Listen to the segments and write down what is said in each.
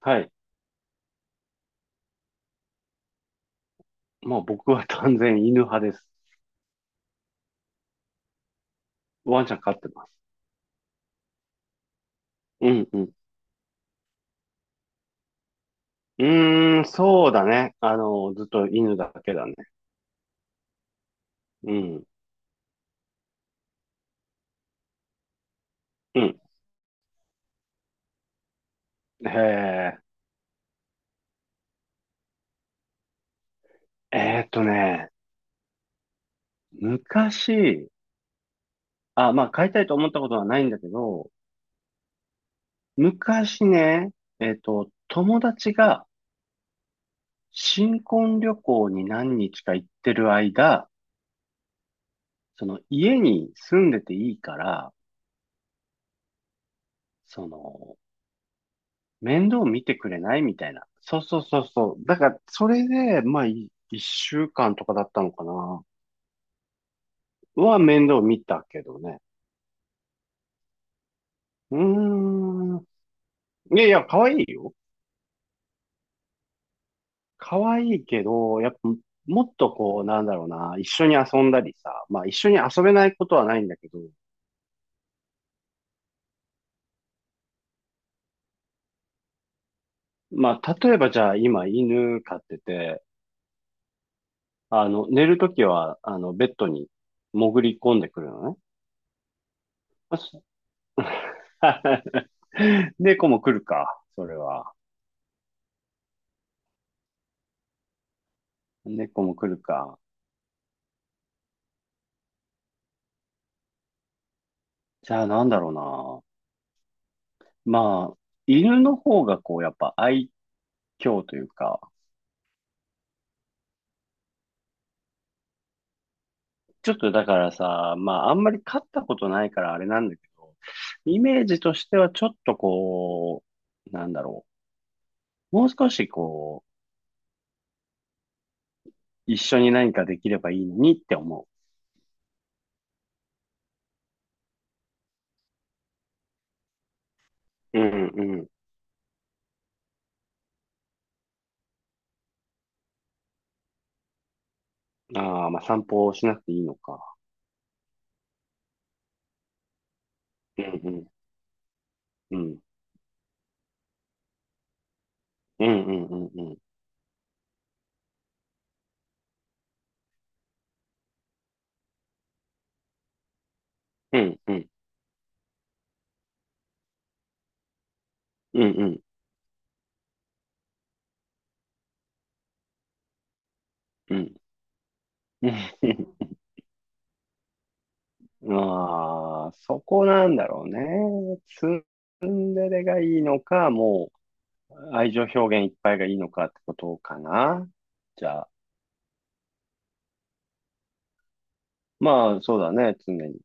はい。もう僕は断然犬派です。ワンちゃん飼ってます。うんうん。うーん、そうだね。ずっと犬だけだね。うん。うん。へえ。えーっとね、昔、あ、まあ飼いたいと思ったことはないんだけど、昔ね、友達が新婚旅行に何日か行ってる間、その家に住んでていいから、その、面倒見てくれないみたいな。そうそうそうそう。だから、それで、まあ、一週間とかだったのかな。は面倒見たけどね。うーん。いやいや、可愛いよ。可愛いけど、やっぱ、もっとこう、なんだろうな、一緒に遊んだりさ、まあ一緒に遊べないことはないんだけど、まあ例えばじゃあ今犬飼ってて、寝るときは、ベッドに潜り込んでくるのね。で、子も来るか、それは。猫も来るか。じゃあなんだろうな。まあ、犬の方がこう、やっぱ愛嬌というか、ちょっとだからさ、まああんまり飼ったことないからあれなんだけど、イメージとしてはちょっとこう、なんだろう。もう少しこう、一緒に何かできればいいのにって思う。うんうんうん。ああ、まあ散歩をしなくていいのか。うんうんうん。うんうんうんうん。うんうんうんうんうん。うん ああ、そこなんだろうね。ツンデレがいいのか、もう愛情表現いっぱいがいいのかってことかな。じゃあ、まあそうだね、常に。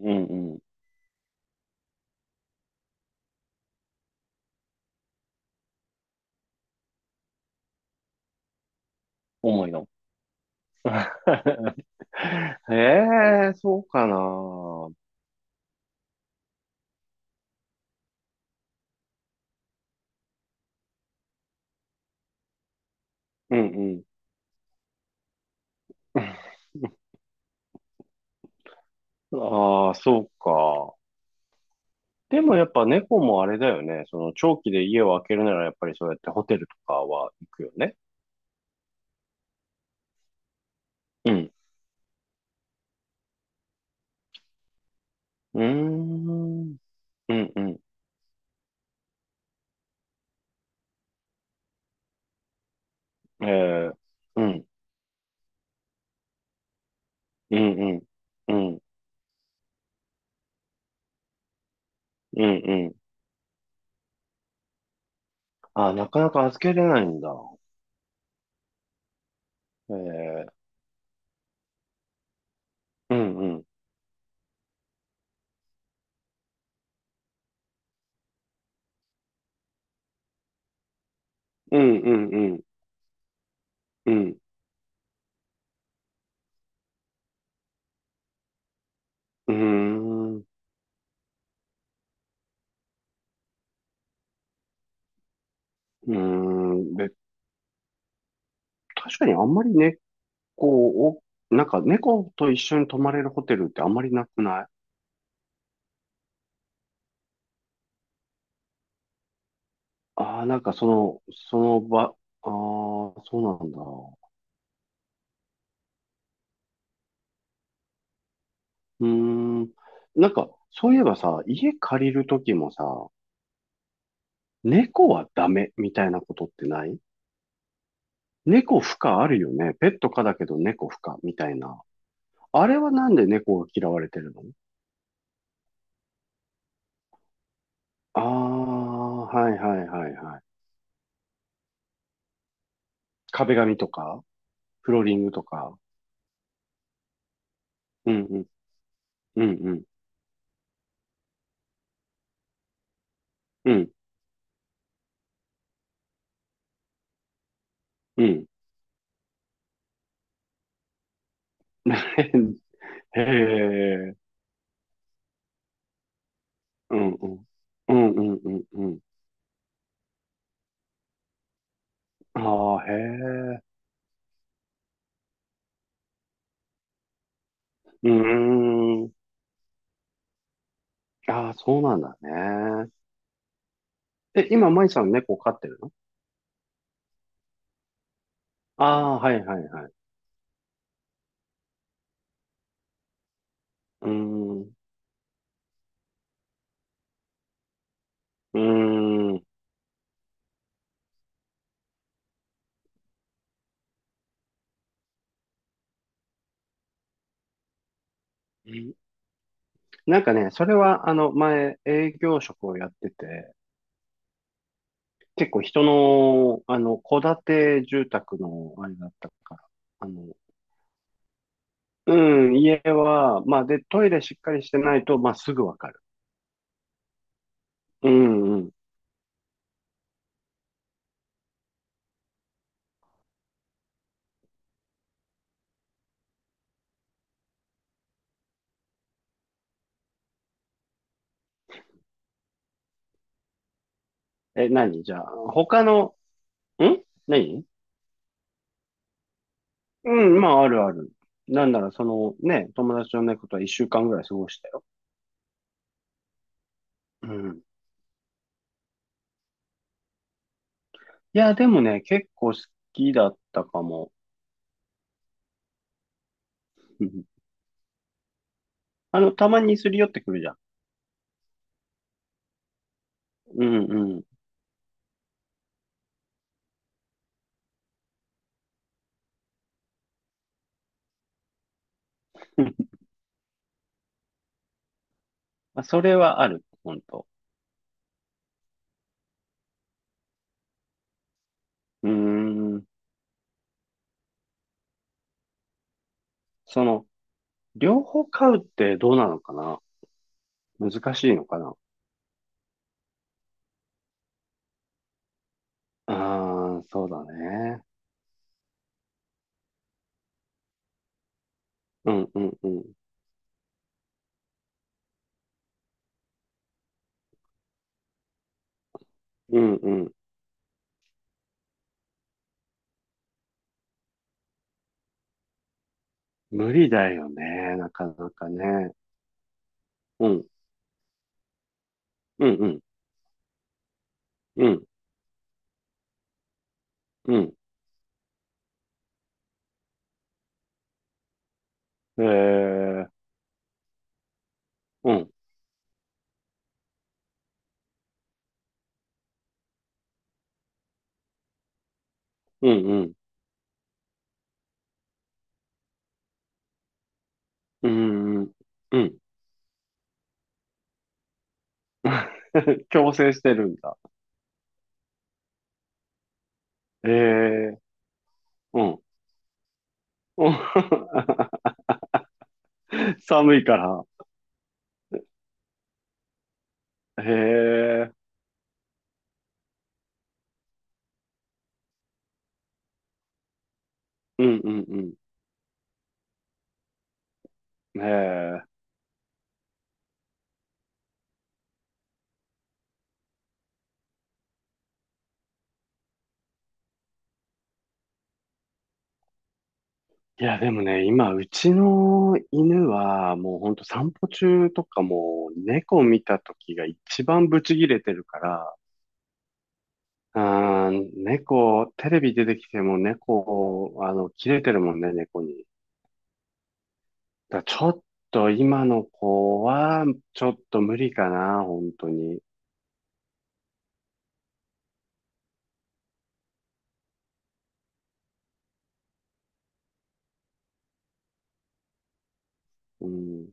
うんうん、重いの？ええー、そうかな。うんうん。ああ、そうか。でもやっぱ猫もあれだよね。その長期で家を空けるならやっぱりそうやってホテルとかは行くよね。うん。うーん。うんうん。ええうん。うんうん。うん。うんうん。あ、なかなか預けれないんだ。ええ。うんうん。うんうんうん。うん。うーん。うーん。で、確かにあんまり猫を、なんか猫と一緒に泊まれるホテルってあんまりなくない？ああー、なんかその、その場、ああ、そうなんだ。うーん。なんか、そういえばさ、家借りるときもさ、猫はダメみたいなことってない？猫不可あるよね。ペット可だけど猫不可みたいな。あれはなんで猫が嫌われてるの？ああー、はいはいはいはい。壁紙とか、フローリングとか。うんうん、うんうん、うん、うん。へえ、うんうん、うんうんうんうん。ああ、へえ、うーん。ああ、そうなんだね。え、今、マイさん猫飼ってるの？ああー、はいはいはい。うーん、うーん。なんかね、それは、前、営業職をやってて、結構人の、戸建て住宅の、あれだったから、あの、うん、家は、まあ、で、トイレしっかりしてないと、まあ、すぐわかる。うんうん。え、何じゃあ、他の、ん何？うん、まあ、あるある。なんなら、ね、友達の猫とは一週間ぐらい過ごしたよ。うん。いや、でもね、結構好きだったかも。うん。たまにすり寄ってくるじゃん。うん。まあ、それはある、本当。うーん。その、両方買うってどうなのかな？難しいのかな？ああ、そうだね。うんうんうん。うんうん。無理だよね、なかなかね。うん、うんうん、うん、うん。えー、うん、うんうん、うん、うん。うん 強制してるんだ。えー、うん。うん 寒いから。へえ、うんうんうん。へえ。いや、でもね、今、うちの犬は、もうほんと散歩中とかも、猫見た時が一番ブチギレてるから、あー猫、テレビ出てきても猫、切れてるもんね、猫に。だからちょっと今の子は、ちょっと無理かな、本当に。うん。